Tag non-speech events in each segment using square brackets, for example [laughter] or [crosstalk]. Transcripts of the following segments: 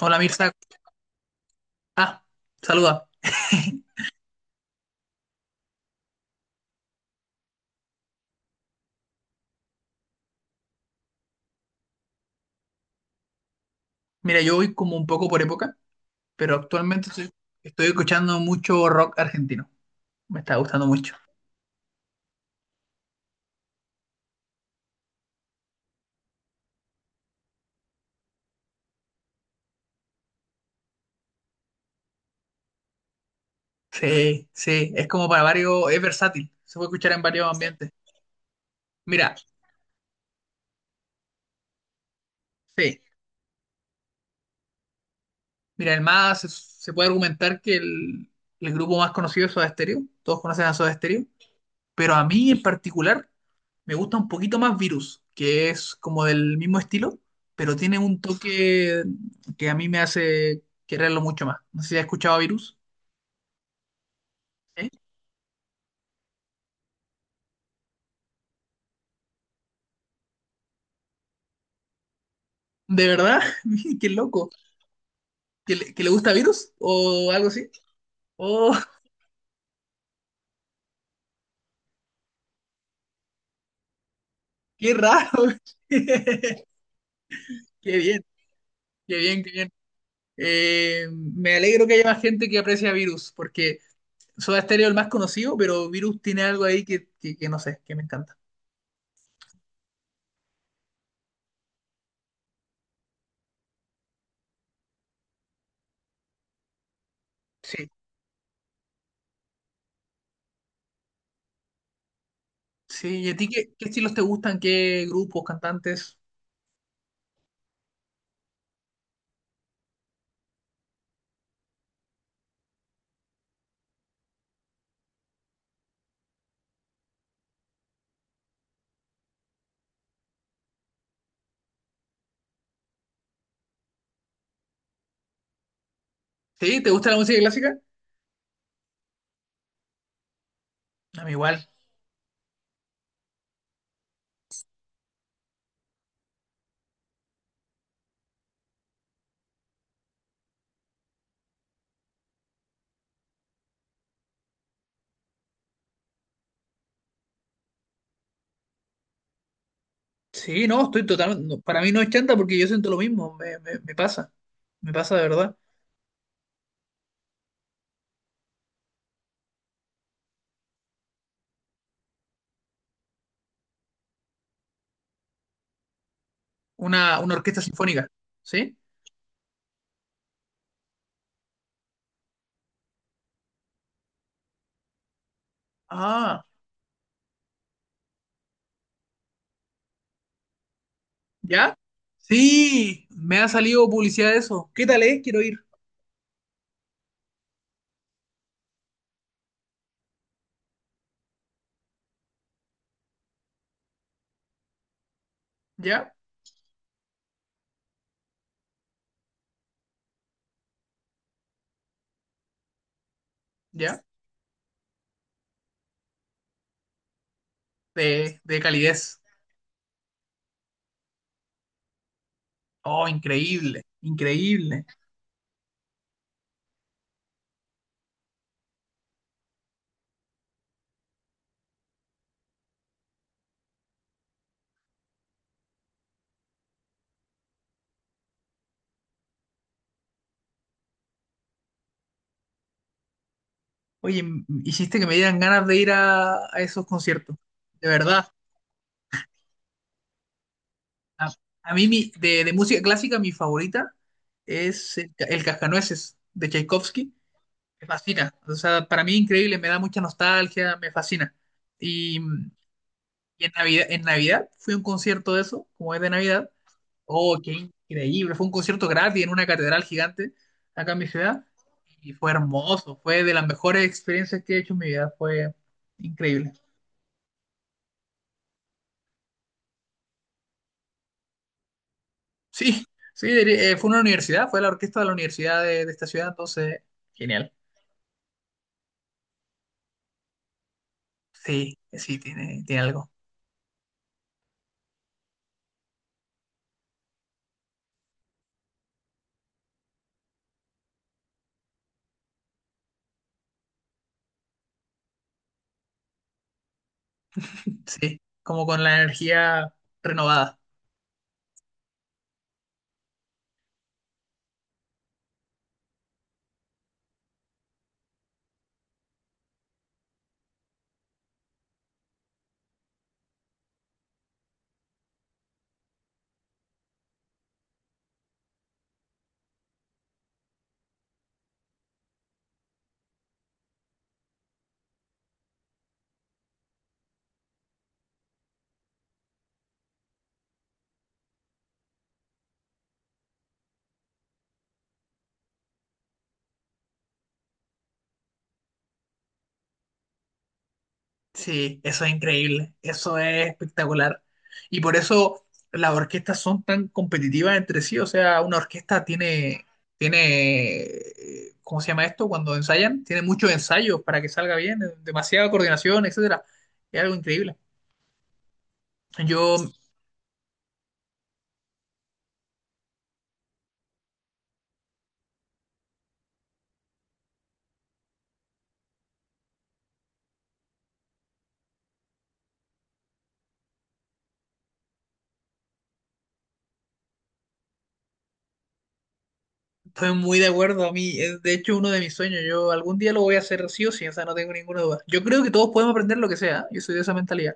Hola Mirza. Ah, saluda. Mira, yo voy como un poco por época, pero actualmente estoy escuchando mucho rock argentino. Me está gustando mucho. Sí, sí, es como para varios, es versátil. Se puede escuchar en varios ambientes. Mira, sí, mira, se puede argumentar que el grupo más conocido es Soda Stereo. Todos conocen a Soda Stereo, pero a mí en particular me gusta un poquito más Virus, que es como del mismo estilo, pero tiene un toque que a mí me hace quererlo mucho más. No sé si has escuchado a Virus. ¿Eh? ¿De verdad? [laughs] Mira, qué loco. ¿Que le gusta Virus o algo así? Oh, qué raro. [laughs] Qué bien, qué bien, qué bien. Me alegro que haya más gente que aprecia Virus, porque Soda Stereo es el más conocido, pero Virus tiene algo ahí que no sé, que me encanta. Sí. Sí, ¿y a ti qué estilos te gustan? ¿Qué grupos, cantantes? ¿Sí? ¿Te gusta la música clásica? A mí igual. Sí, no, estoy totalmente. No, para mí no es chanta porque yo siento lo mismo. Me pasa. Me pasa de verdad. Una orquesta sinfónica. ¿Sí? Ah, ¿ya? Sí, me ha salido publicidad de eso. ¿Qué tal es? Quiero ir. ¿Ya? ¿Ya? De calidez. Oh, increíble. Increíble. Oye, hiciste que me dieran ganas de ir a esos conciertos. De verdad. A, a de música clásica mi favorita es el Cascanueces de Tchaikovsky. Me fascina. O sea, para mí increíble, me da mucha nostalgia, me fascina. Y, y en Navidad fui a un concierto de eso, como es de Navidad. Oh, qué increíble. Fue un concierto gratis en una catedral gigante acá en mi ciudad. Y fue hermoso, fue de las mejores experiencias que he hecho en mi vida. Fue increíble. Sí, Fue una universidad, fue la orquesta de la universidad de esta ciudad, entonces, genial. Sí, sí, tiene algo. Sí, como con la energía renovada. Sí, eso es increíble, eso es espectacular. Y por eso las orquestas son tan competitivas entre sí. O sea, una orquesta tiene, ¿cómo se llama esto? Cuando ensayan, tiene muchos ensayos para que salga bien, demasiada coordinación, etcétera. Es algo increíble. Yo Estoy muy de acuerdo, a mí es de hecho uno de mis sueños. Yo algún día lo voy a hacer sí o sí, o sea, no tengo ninguna duda. Yo creo que todos podemos aprender lo que sea, ¿eh? Yo soy de esa mentalidad.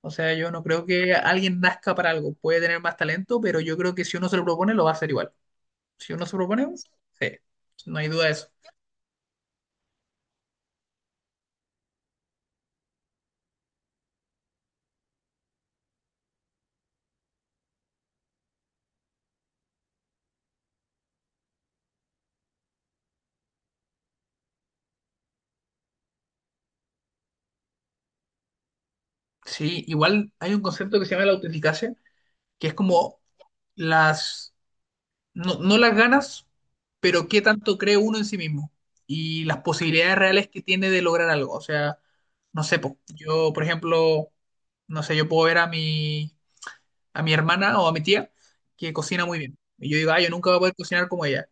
O sea, yo no creo que alguien nazca para algo, puede tener más talento, pero yo creo que si uno se lo propone, lo va a hacer igual. Si uno se lo propone, sí, no hay duda de eso. Sí, igual hay un concepto que se llama la autoeficacia, que es como las no las ganas, pero qué tanto cree uno en sí mismo y las posibilidades reales que tiene de lograr algo. O sea, no sé, po, yo, por ejemplo, no sé, yo puedo ver a a mi hermana o a mi tía que cocina muy bien. Y yo digo, ah, yo nunca voy a poder cocinar como ella,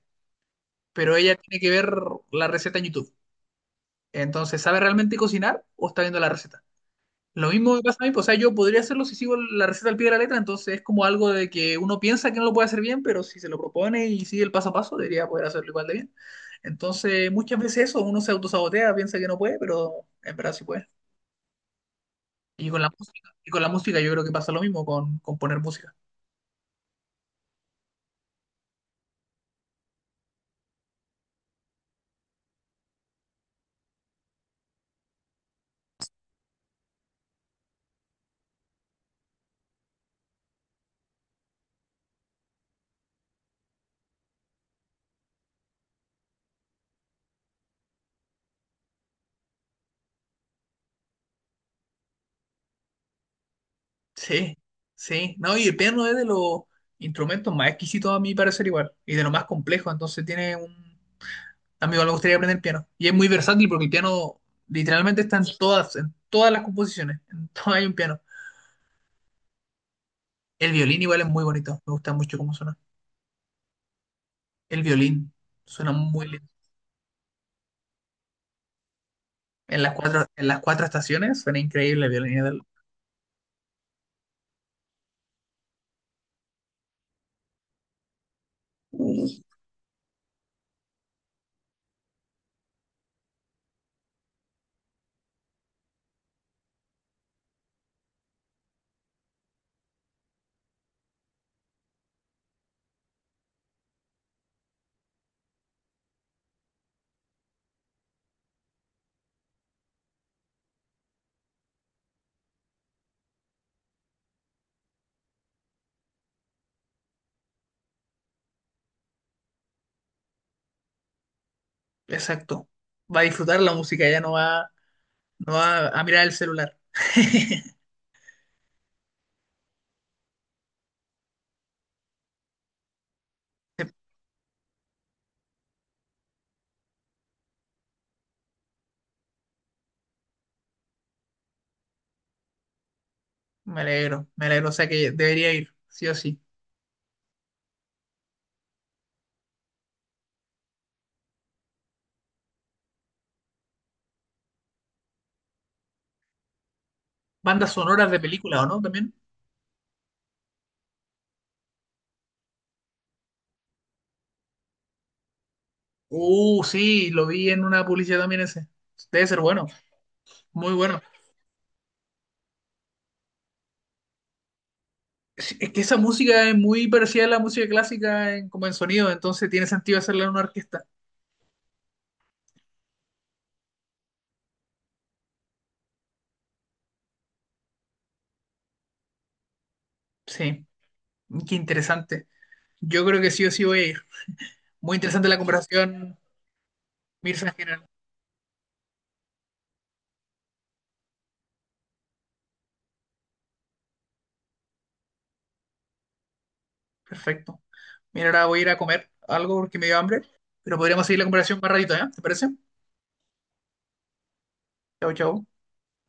pero ella tiene que ver la receta en YouTube. Entonces, ¿sabe realmente cocinar o está viendo la receta? Lo mismo me pasa a mí, pues, o sea, yo podría hacerlo si sigo la receta al pie de la letra, entonces es como algo de que uno piensa que no lo puede hacer bien, pero si se lo propone y sigue el paso a paso, debería poder hacerlo igual de bien. Entonces, muchas veces eso, uno se autosabotea, piensa que no puede, pero en verdad sí puede. Y con la música, y con la música yo creo que pasa lo mismo con poner música. Sí, sí. No, y el piano es de los instrumentos más exquisitos a mi parecer igual, y de lo más complejo, entonces tiene un, a mí igual me gustaría aprender piano. Y es muy versátil porque el piano literalmente está en todas las composiciones. En [laughs] todas hay un piano. El violín igual es muy bonito. Me gusta mucho cómo suena. El violín suena muy lindo. En las cuatro estaciones suena increíble el violín. Exacto. Va a disfrutar la música, ya no va, no va a mirar el celular. [laughs] Me alegro, me alegro. O sea que debería ir, sí o sí. Bandas sonoras de películas, ¿o no? También. Sí, lo vi en una publicidad también ese. Debe ser bueno. Muy bueno. Es que esa música es muy parecida a la música clásica en, como en sonido, entonces tiene sentido hacerla en una orquesta. Sí, qué interesante. Yo creo que sí o sí voy a ir. Muy interesante la conversación, Mirza, en general. Perfecto. Mira, ahora voy a ir a comer algo porque me dio hambre, pero podríamos seguir la conversación más ratito, ¿eh? ¿Te parece? Chao, chao.